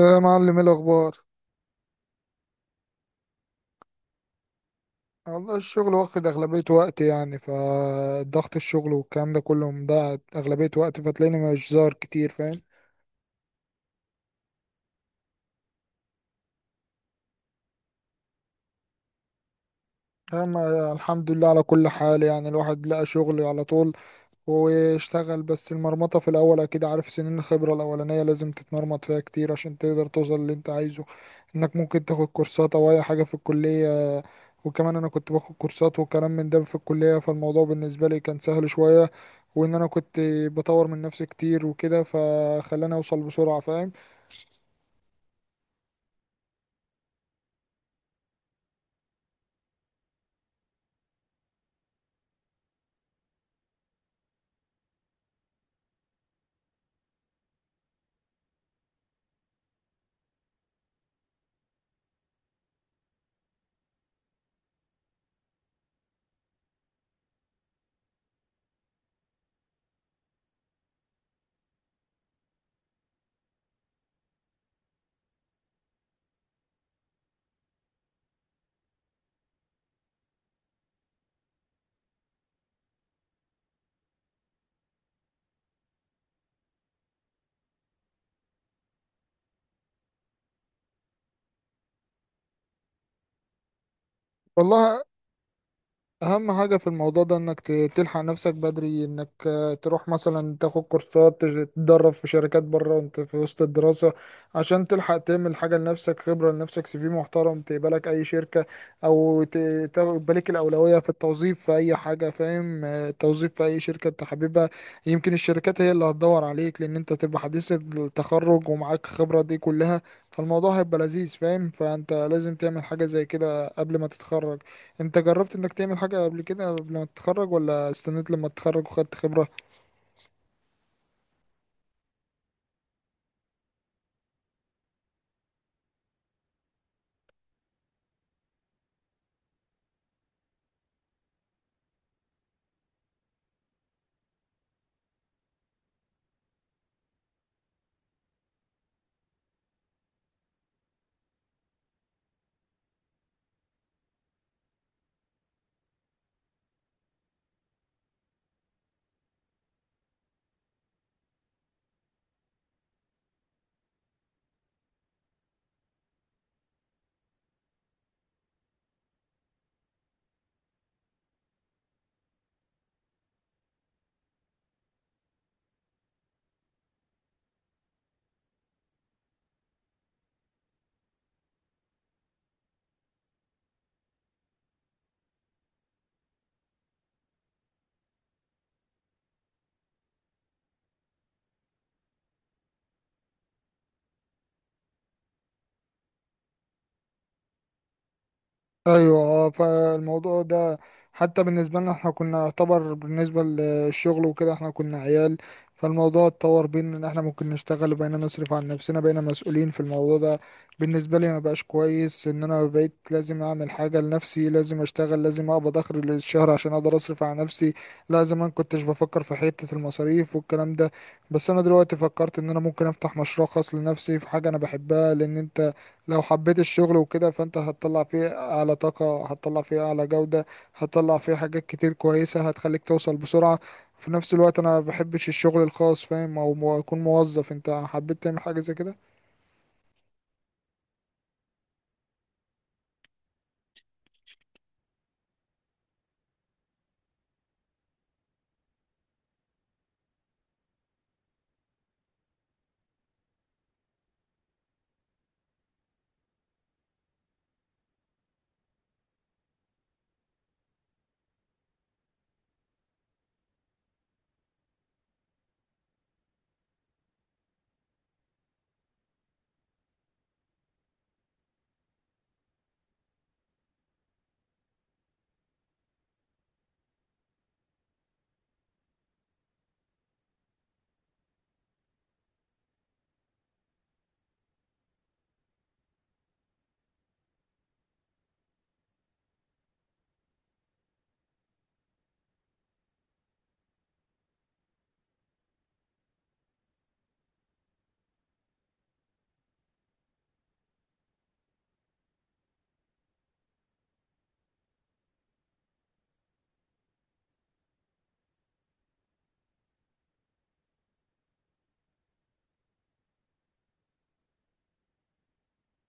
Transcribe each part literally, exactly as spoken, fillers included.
يا معلم، ايه الاخبار؟ والله الشغل واخد اغلبية وقتي، يعني فضغط الشغل والكلام ده كله مضيع اغلبية وقتي، فتلاقيني مش ظاهر كتير، فاهم. اما الحمد لله على كل حال، يعني الواحد لقى شغل على طول واشتغل. بس المرمطة في الأول أكيد، عارف سنين الخبرة الأولانية لازم تتمرمط فيها كتير عشان تقدر توصل اللي أنت عايزه. إنك ممكن تاخد كورسات أو أي حاجة في الكلية، وكمان أنا كنت باخد كورسات وكلام من ده في الكلية، فالموضوع بالنسبة لي كان سهل شوية. وإن أنا كنت بطور من نفسي كتير وكده فخلاني أوصل بسرعة، فاهم. والله، اهم حاجة في الموضوع ده انك ت- تلحق نفسك بدري، انك آه، تروح مثلا تاخد كورسات، تج- تتدرب في شركات بره وانت في وسط الدراسة، عشان تلحق تعمل حاجة لنفسك، خبرة لنفسك، سي في محترم تقبلك اي شركة، او ت- تاخد لك الاولوية في التوظيف في اي حاجة، فاهم. آه، التوظيف في اي شركة انت حاببها، يمكن الشركات هي اللي هتدور عليك، لان انت تبقى حديث التخرج ومعاك خبرة دي كلها، فالموضوع هيبقى لذيذ، فاهم. فانت لازم تعمل حاجة زي كده قبل ما تتخرج. انت جربت انك تعمل حاجة قبل كده قبل ما تتخرج، ولا استنيت لما تتخرج وخدت خبرة؟ ايوه، آه، فالموضوع ده حتى بالنسبه لنا احنا كنا يعتبر، بالنسبه للشغل وكده احنا كنا عيال، فالموضوع اتطور بينا ان احنا ممكن نشتغل، وبقينا نصرف عن نفسنا، بقينا مسؤولين في الموضوع ده. بالنسبه لي ما بقاش كويس ان انا بقيت لازم اعمل حاجه لنفسي، لازم اشتغل، لازم اقبض اخر الشهر عشان اقدر اصرف على نفسي. لا زمان كنتش بفكر في حته المصاريف والكلام ده. بس انا دلوقتي فكرت ان انا ممكن افتح مشروع خاص لنفسي في حاجه انا بحبها، لان انت لو حبيت الشغل وكده فانت هتطلع فيه اعلى طاقة، هتطلع فيه اعلى جودة، هتطلع فيه حاجات كتير كويسة هتخليك توصل بسرعة. في نفس الوقت انا ما بحبش الشغل الخاص، فاهم، او مو- اكون موظف. انت حبيت تعمل حاجة زي كده؟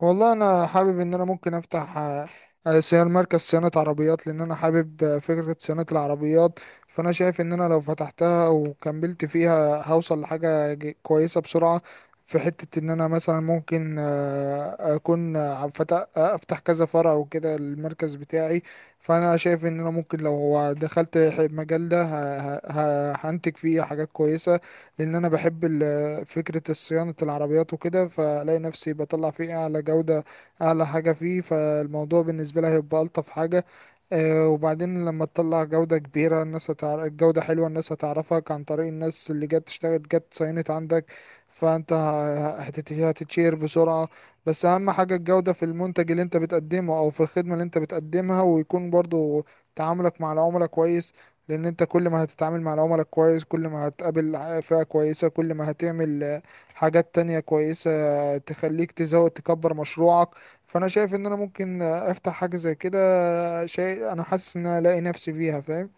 والله انا حابب ان انا ممكن افتح آه، آه، صيانه، مركز صيانه عربيات، لان انا حابب آه، فكره صيانه العربيات. فانا شايف ان انا لو فتحتها وكملت فيها هوصل لحاجه ج- كويسه بسرعه، في حته ان انا مثلا ممكن آه، اكون آه، فتح آه، افتح كذا فرع وكده المركز بتاعي. فانا شايف ان انا ممكن لو دخلت المجال ده ه- ه- ه- هنتج فيه حاجات كويسه، لان انا بحب آه، فكرة صيانة العربيات وكده، فلاقي نفسي بطلع فيه أعلى جودة، أعلى حاجة فيه، فالموضوع بالنسبة لي هيبقى ألطف حاجة. آه، وبعدين لما تطلع جودة كبيرة الناس هتعرف جودة حلوة، الناس هتعرفك عن طريق الناس اللي جت اشتغلت، جت ساينت عندك، فانت ه- هتت- هتتشير بسرعة. بس اهم حاجة الجودة في المنتج اللي انت بتقدمه، او في الخدمة اللي انت بتقدمها، ويكون برضو تعاملك مع العملاء كويس. لان انت كل ما هتتعامل مع العملاء كويس، كل ما هتقابل ع- فئة كويسة، كل ما هتعمل آه، حاجات تانية كويسة تخليك تزود، تكبر مشروعك. فانا شايف ان انا ممكن آه، افتح حاجة زي كده، شيء انا حاسس ان أنا الاقي نفسي فيها، فاهم.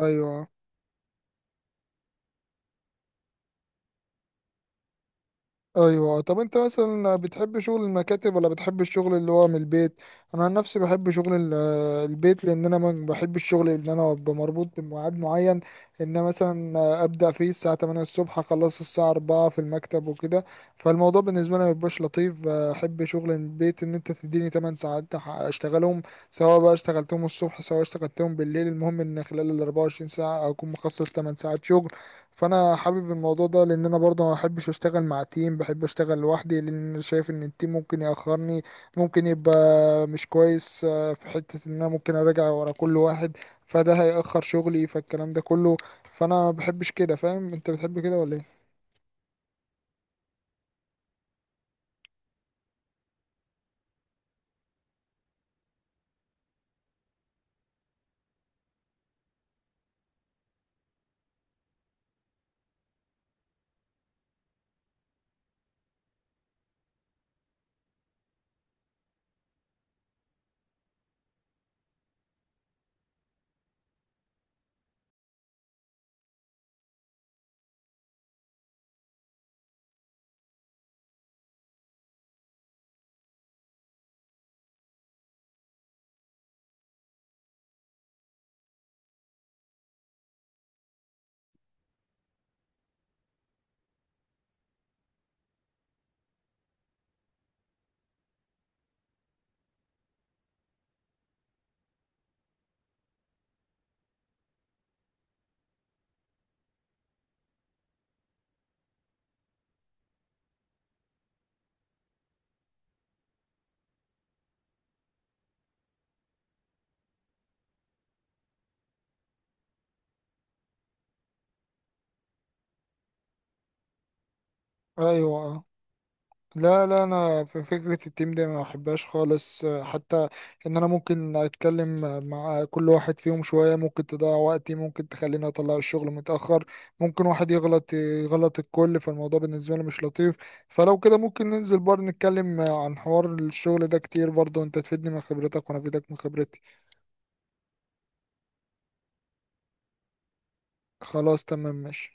ايوه. ايوه، طب انت مثلا بتحب شغل المكاتب ولا بتحب الشغل اللي هو من البيت؟ انا عن نفسي بحب شغل ال- آه، البيت، لان انا ما بحبش الشغل اللي انا ابقى مربوط بميعاد معين، ان أنا مثلا ابدا فيه الساعه الثامنة الصبح اخلص الساعه أربعة في المكتب وكده. فالموضوع بالنسبه لي ما بيبقاش لطيف، بحب شغل البيت، ان انت تديني 8 ساعات أح- اشتغلهم، سواء بقى اشتغلتهم الصبح سواء اشتغلتهم بالليل، المهم ان خلال ال اربعة وعشرين ساعه اكون مخصص 8 ساعات شغل. فانا حابب الموضوع ده لان انا برضه ما بحبش اشتغل مع تيم، بحب اشتغل لوحدي، لان أنا شايف ان التيم ممكن ياخرني، ممكن يبقى مش كويس. آه، في حتة ان انا ممكن اراجع ورا كل واحد، فده هيأخر شغلي فالكلام ده كله. فانا ما بحبش كده، فاهم. انت بتحب كده ولا ايه؟ ايوه آه. لا، لا، انا في فكره التيم دي ما بحبهاش خالص، حتى ان انا ممكن اتكلم مع كل واحد فيهم شويه، ممكن تضيع وقتي، ممكن تخليني اطلع الشغل متاخر، ممكن واحد يغلط يغلط الكل. فالموضوع بالنسبه لي مش لطيف. فلو كده ممكن ننزل برضه نتكلم عن حوار الشغل ده كتير، برضه انت تفيدني من خبرتك وانا افيدك من خبرتي. خلاص تمام ماشي.